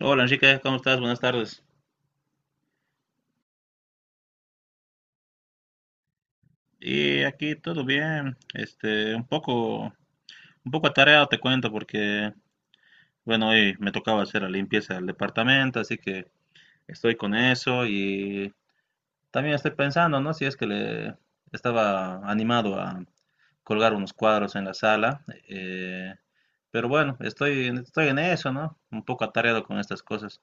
Hola Enrique, ¿cómo estás? Buenas tardes. Y aquí todo bien, un poco atareado te cuento porque, bueno, hoy me tocaba hacer la limpieza del departamento, así que estoy con eso y también estoy pensando, ¿no? Si es que le estaba animado a colgar unos cuadros en la sala, pero bueno, estoy en eso, ¿no? Un poco atareado con estas cosas.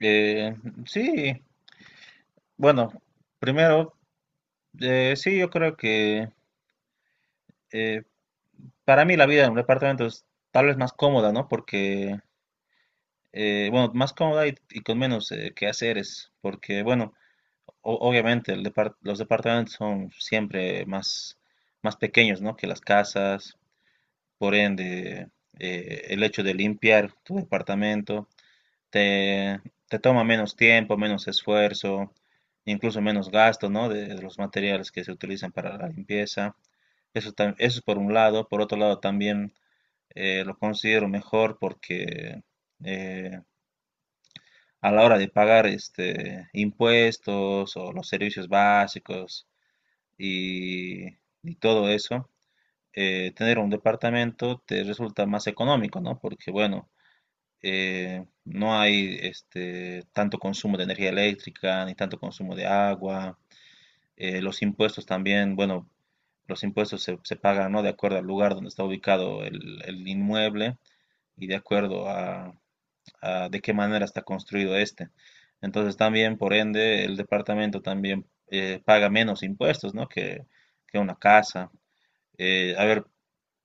Eh, sí, bueno, primero, sí, yo creo que eh, para mí la vida en un departamento es tal vez más cómoda, ¿no? Porque, bueno, más cómoda y con menos quehaceres, porque, bueno, obviamente los departamentos son siempre más pequeños, ¿no? Que las casas, por ende, el hecho de limpiar tu departamento te, te toma menos tiempo, menos esfuerzo, incluso menos gasto, ¿no? De los materiales que se utilizan para la limpieza. Eso es por un lado, por otro lado también lo considero mejor porque eh, a la hora de pagar impuestos o los servicios básicos y, y todo eso, tener un departamento te resulta más económico, ¿no? Porque, bueno, no hay tanto consumo de energía eléctrica ni tanto consumo de agua. Los impuestos también, bueno, los impuestos se pagan, ¿no? De acuerdo al lugar donde está ubicado el inmueble y de acuerdo a, de qué manera está construido este. Entonces también, por ende, el departamento también paga menos impuestos, ¿no? Que una casa. A ver,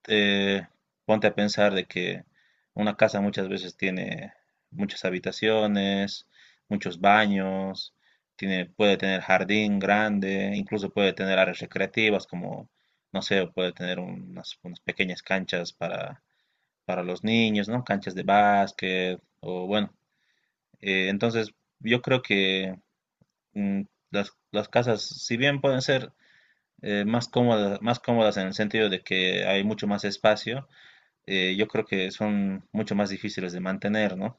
eh, ponte a pensar de que una casa muchas veces tiene muchas habitaciones, muchos baños, tiene, puede tener jardín grande, incluso puede tener áreas recreativas como, no sé, puede tener unas pequeñas canchas para, los niños, ¿no? Canchas de básquet o bueno, entonces, yo creo que mm, las casas, si bien pueden ser más cómodas en el sentido de que hay mucho más espacio, yo creo que son mucho más difíciles de mantener, ¿no?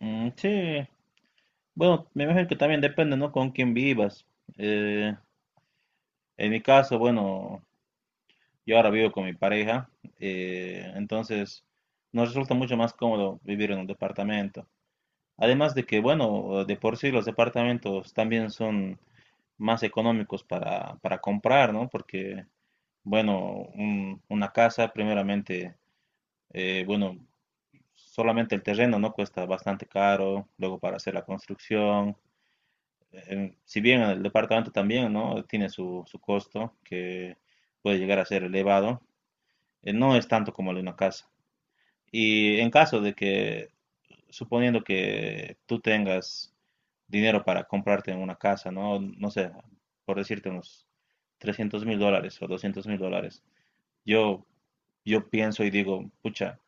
Mm, sí, bueno, me imagino que también depende, ¿no? Con quién vivas. Eh, en mi caso, bueno, yo ahora vivo con mi pareja, entonces nos resulta mucho más cómodo vivir en un departamento. Además de que, bueno, de por sí los departamentos también son más económicos para comprar, ¿no? Porque, bueno, una casa, primeramente, bueno, solamente el terreno, ¿no? Cuesta bastante caro, luego para hacer la construcción. Si bien el departamento también, ¿no? Tiene su costo, que puede llegar a ser elevado, no es tanto como el de una casa. Y en caso de que suponiendo que tú tengas dinero para comprarte una casa, ¿no? No sé, por decirte unos $300,000 o $200,000. Yo, yo pienso y digo, pucha,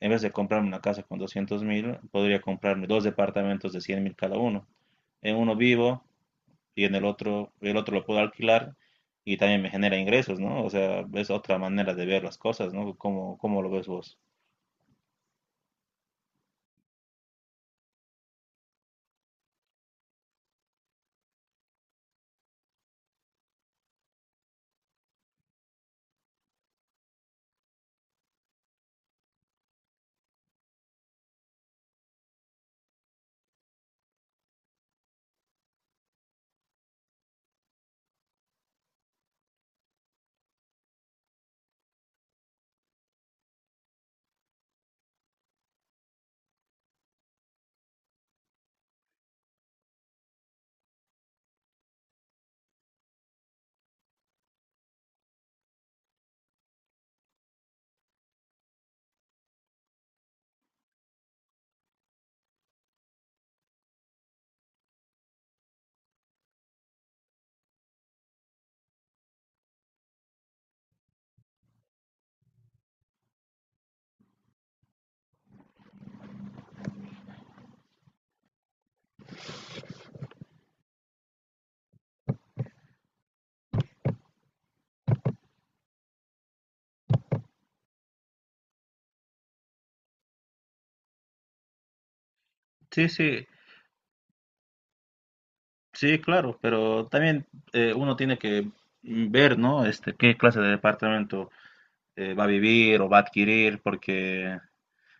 en vez de comprarme una casa con 200,000, podría comprarme dos departamentos de 100,000 cada uno. En uno vivo y en el otro lo puedo alquilar y también me genera ingresos, ¿no? O sea, es otra manera de ver las cosas, ¿no? ¿Cómo lo ves vos? Sí, sí, sí, claro, pero también uno tiene que ver, ¿no? Qué clase de departamento va a vivir o va a adquirir, porque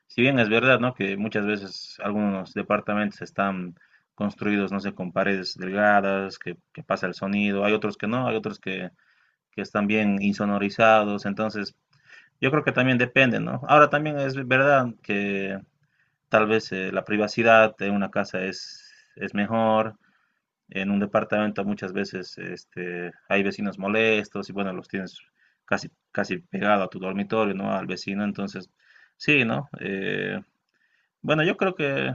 si bien es verdad, ¿no? Que muchas veces algunos departamentos están construidos, no sé, con paredes delgadas, que pasa el sonido, hay otros que no, hay otros que están bien insonorizados, entonces yo creo que también depende, ¿no? Ahora también es verdad que tal vez la privacidad de una casa es mejor, en un departamento muchas veces hay vecinos molestos y bueno, los tienes casi, casi pegado a tu dormitorio, ¿no? Al vecino, entonces sí, ¿no? Bueno, yo creo que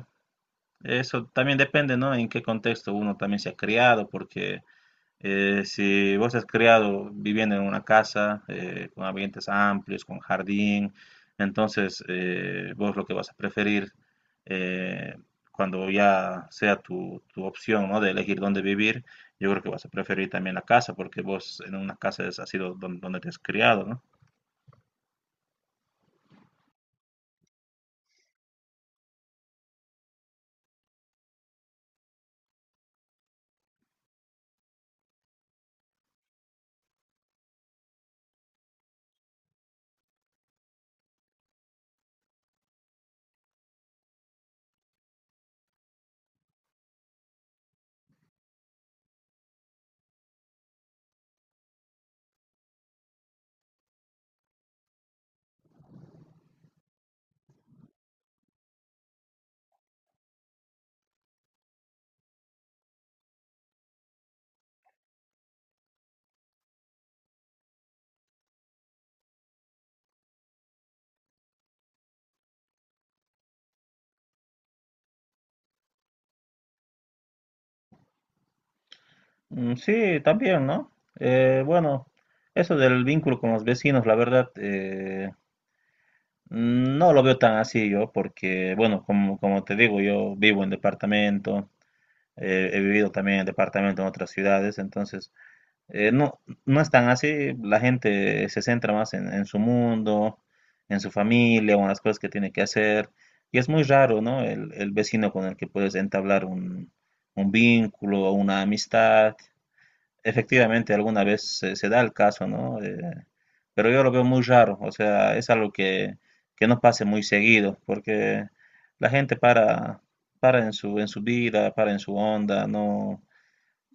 eso también depende, ¿no? En qué contexto uno también se ha criado, porque si vos has creado viviendo en una casa con ambientes amplios, con jardín, entonces vos lo que vas a preferir eh, cuando ya sea tu opción, ¿no? De elegir dónde vivir, yo creo que vas a preferir también la casa, porque vos en una casa es, ha sido donde, te has criado, ¿no? Mm, sí, también, ¿no? Bueno, eso del vínculo con los vecinos, la verdad, no lo veo tan así yo, porque, bueno, como te digo, yo vivo en departamento, he vivido también en departamento en otras ciudades, entonces no, no es tan así, la gente se centra más en su mundo, en su familia o en las cosas que tiene que hacer, y es muy raro, ¿no? El vecino con el que puedes entablar un vínculo o una amistad, efectivamente, alguna vez se da el caso, ¿no? Pero yo lo veo muy raro, o sea, es algo que no pase muy seguido, porque la gente para en su vida, para en su onda, no,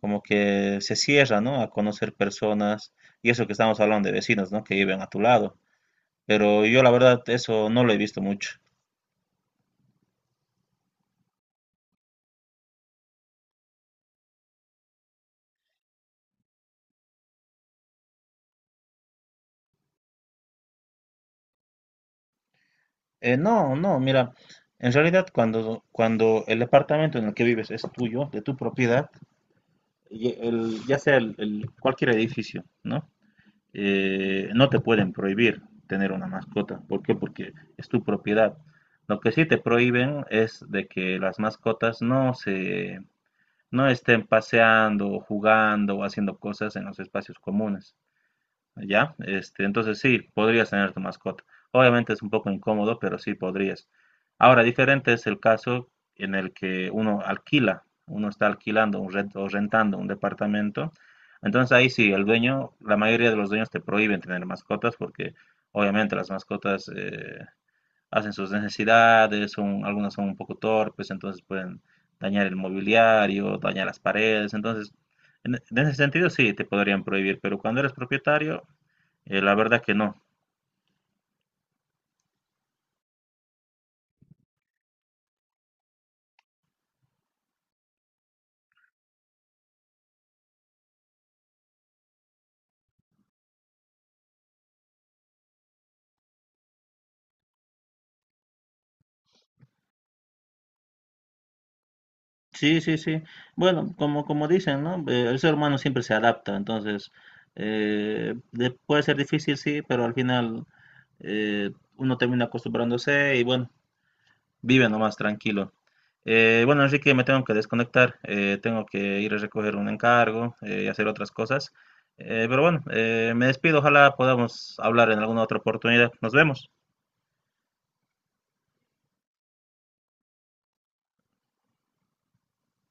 como que se cierra, ¿no? A conocer personas, y eso que estamos hablando de vecinos, ¿no? Que viven a tu lado, pero yo la verdad eso no lo he visto mucho. No, no, mira, en realidad cuando el departamento en el que vives es tuyo, de tu propiedad, y ya sea cualquier edificio, ¿no? No te pueden prohibir tener una mascota. ¿Por qué? Porque es tu propiedad. Lo que sí te prohíben es de que las mascotas no estén paseando, jugando o haciendo cosas en los espacios comunes. ¿Ya? Entonces sí, podrías tener tu mascota. Obviamente es un poco incómodo, pero sí podrías. Ahora, diferente es el caso en el que uno alquila, uno está alquilando un rent- o rentando un departamento. Entonces ahí sí, el dueño, la mayoría de los dueños te prohíben tener mascotas porque obviamente las mascotas hacen sus necesidades, algunas son un poco torpes, entonces pueden dañar el mobiliario, dañar las paredes. Entonces, en ese sentido sí, te podrían prohibir, pero cuando eres propietario, la verdad que no. Sí, sí, sí. Bueno, como dicen, ¿no? El ser humano siempre se adapta, entonces puede ser difícil, sí, pero al final eh, uno termina acostumbrándose y bueno, vive nomás tranquilo. Bueno, Enrique, me tengo que desconectar, tengo que ir a recoger un encargo y hacer otras cosas. Pero bueno, me despido, ojalá podamos hablar en alguna otra oportunidad. Nos vemos.